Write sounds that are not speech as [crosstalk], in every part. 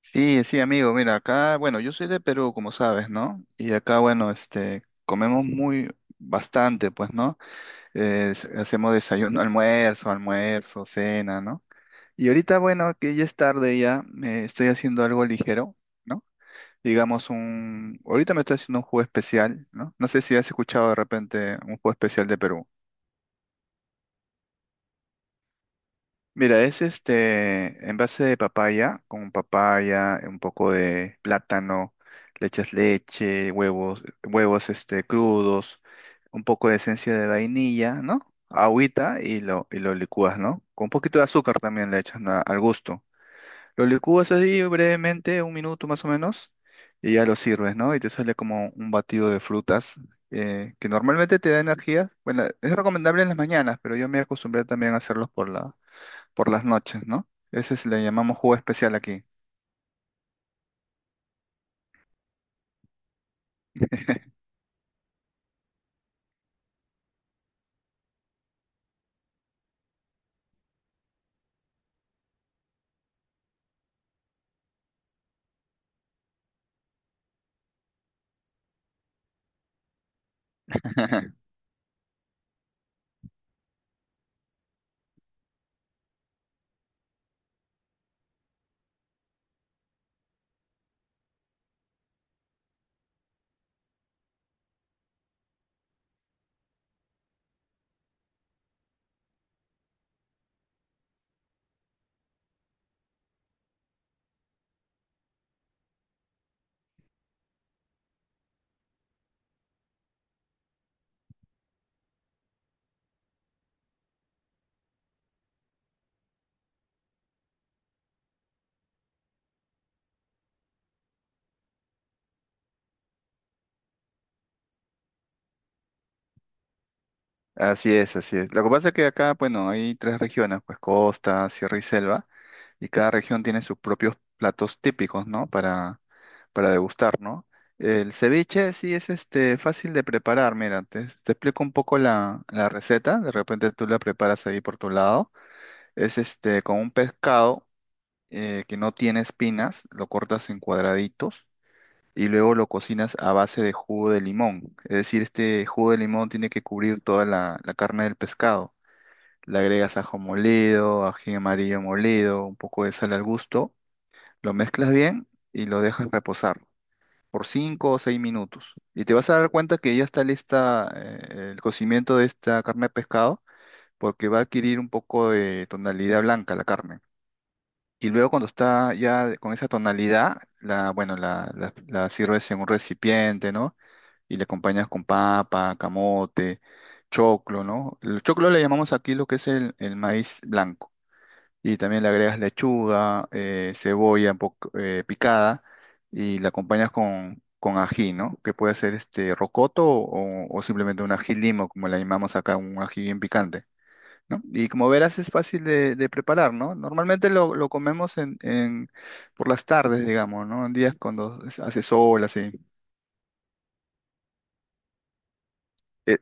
Sí, sí, amigo, mira, acá, bueno, yo soy de Perú, como sabes, ¿no? Y acá, bueno, comemos muy bastante, pues, ¿no? Hacemos desayuno, [laughs] almuerzo, cena, ¿no? Y ahorita, bueno, que ya es tarde ya, me estoy haciendo algo ligero, ¿no? Ahorita me estoy haciendo un jugo especial, ¿no? No sé si has escuchado de repente un jugo especial de Perú. Mira, es este envase de papaya, con papaya, un poco de plátano, le echas leche, huevos crudos, un poco de esencia de vainilla, ¿no? Agüita y lo licúas, ¿no? Con un poquito de azúcar también le echas al gusto. Lo licúas así brevemente, un minuto más o menos, y ya lo sirves, ¿no? Y te sale como un batido de frutas, que normalmente te da energía. Bueno, es recomendable en las mañanas, pero yo me acostumbré también a hacerlos por las noches, ¿no? Le llamamos jugo especial aquí. [laughs] Así es, así es. Lo que pasa es que acá, bueno, hay tres regiones, pues costa, sierra y selva, y cada región tiene sus propios platos típicos, ¿no? Para degustar, ¿no? El ceviche sí es fácil de preparar, mira, te explico un poco la receta, de repente tú la preparas ahí por tu lado. Es con un pescado que no tiene espinas, lo cortas en cuadraditos y luego lo cocinas a base de jugo de limón. Es decir, este jugo de limón tiene que cubrir toda la carne del pescado. Le agregas ajo molido, ají amarillo molido, un poco de sal al gusto, lo mezclas bien y lo dejas reposar por 5 o 6 minutos. Y te vas a dar cuenta que ya está lista el cocimiento de esta carne de pescado porque va a adquirir un poco de tonalidad blanca la carne. Y luego cuando está ya con esa tonalidad, la, bueno, la sirves en un recipiente, ¿no? Y le acompañas con papa, camote, choclo, ¿no? El choclo le llamamos aquí lo que es el maíz blanco. Y también le agregas lechuga, cebolla un poco, picada y la acompañas con ají, ¿no? Que puede ser este rocoto o simplemente un ají limo, como le llamamos acá, un ají bien picante, ¿no? Y como verás es fácil de preparar, ¿no? Normalmente lo comemos por las tardes, digamos, ¿no? En días cuando hace sol, así. Eh,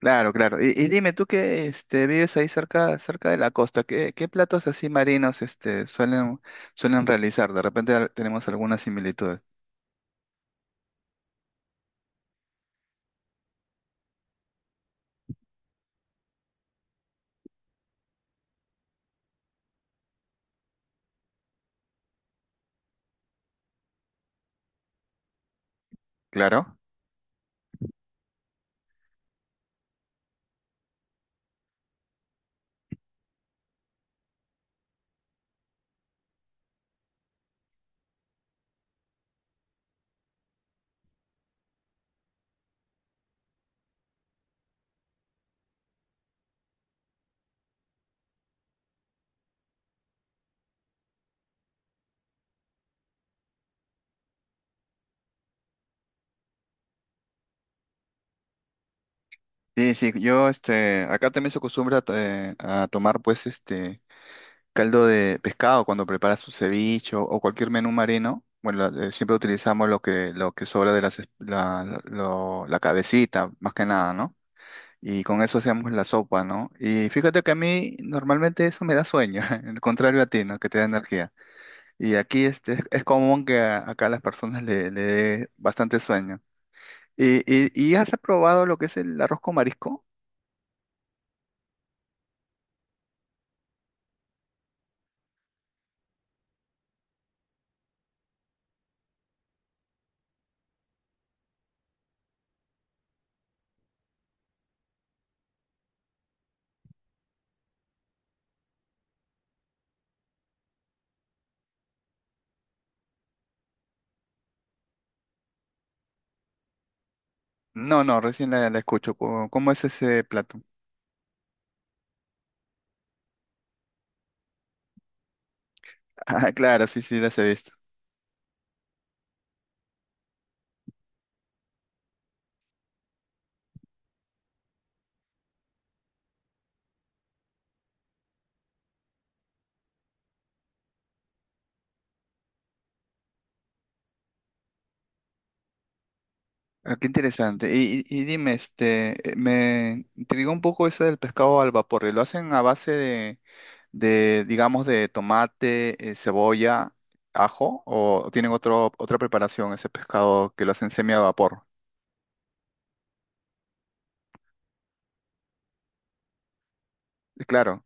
Claro, claro. Y dime, tú que vives ahí cerca, cerca de la costa, ¿qué, qué platos así marinos suelen, suelen realizar? Tenemos algunas similitudes. Claro. Sí, sí, yo acá también se acostumbra a tomar pues este caldo de pescado cuando preparas su ceviche o cualquier menú marino. Bueno, siempre utilizamos lo que sobra de las es- la lo- la cabecita, más que nada, ¿no? Y con eso hacíamos la sopa, ¿no? Y fíjate que a mí normalmente eso me da sueño, [laughs] el contrario a ti, ¿no? Que te da energía. Y aquí es común que acá a las personas le dé bastante sueño. ¿ y has probado lo que es el arroz con marisco? No, no, recién la escucho. ¿Cómo, cómo es ese plato? [laughs] Ah, claro, sí, sí, las he visto. Ah, qué interesante. Y dime, me intrigó un poco eso del pescado al vapor. ¿Lo hacen a base de, digamos, de tomate, cebolla, ajo, o tienen otra preparación, ese pescado que lo hacen semi a vapor? Claro,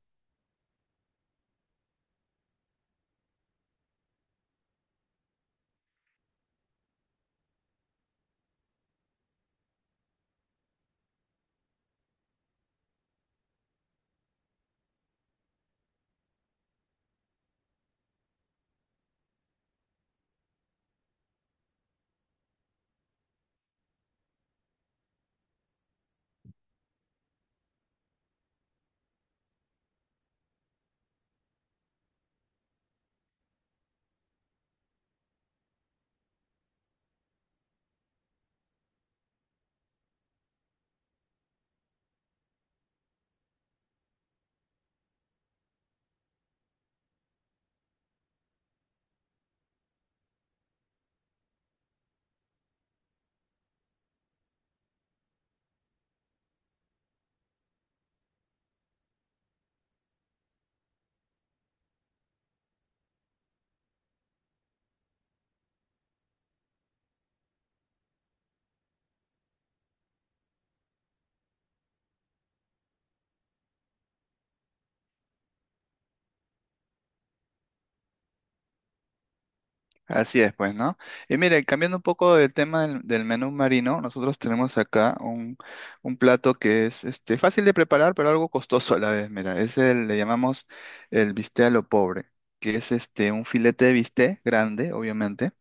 así es, pues, ¿no? Y mire, cambiando un poco del tema del menú marino, nosotros tenemos acá un plato que es fácil de preparar, pero algo costoso a la vez, mira, es le llamamos el bistec a lo pobre, que es un filete de bistec grande, obviamente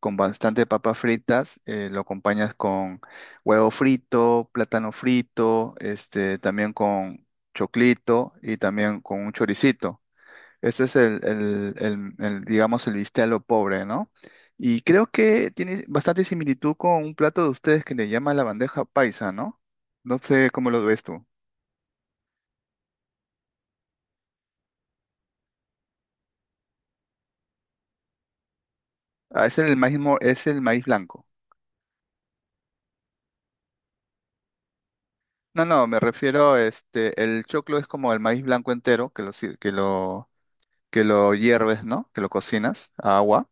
con bastante papas fritas, lo acompañas con huevo frito, plátano frito, también con choclito y también con un choricito. Este es el, digamos, el bistec a lo pobre, ¿no? Y creo que tiene bastante similitud con un plato de ustedes que le llama la bandeja paisa, ¿no? No sé cómo lo ves tú. Ah, es el maíz, es el maíz blanco. No, no, me refiero, el choclo es como el maíz blanco entero, que lo hierves, ¿no? Que lo cocinas a agua.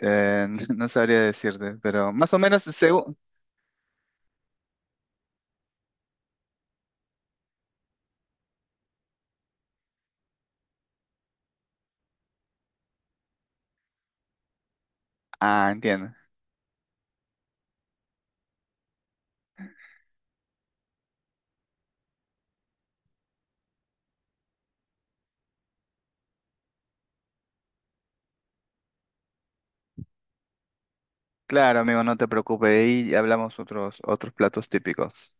Eh, [laughs] no sabría decirte, pero más o menos según... Ah, entiendo. Claro, amigo, no te preocupes. Y hablamos otros, otros platos típicos.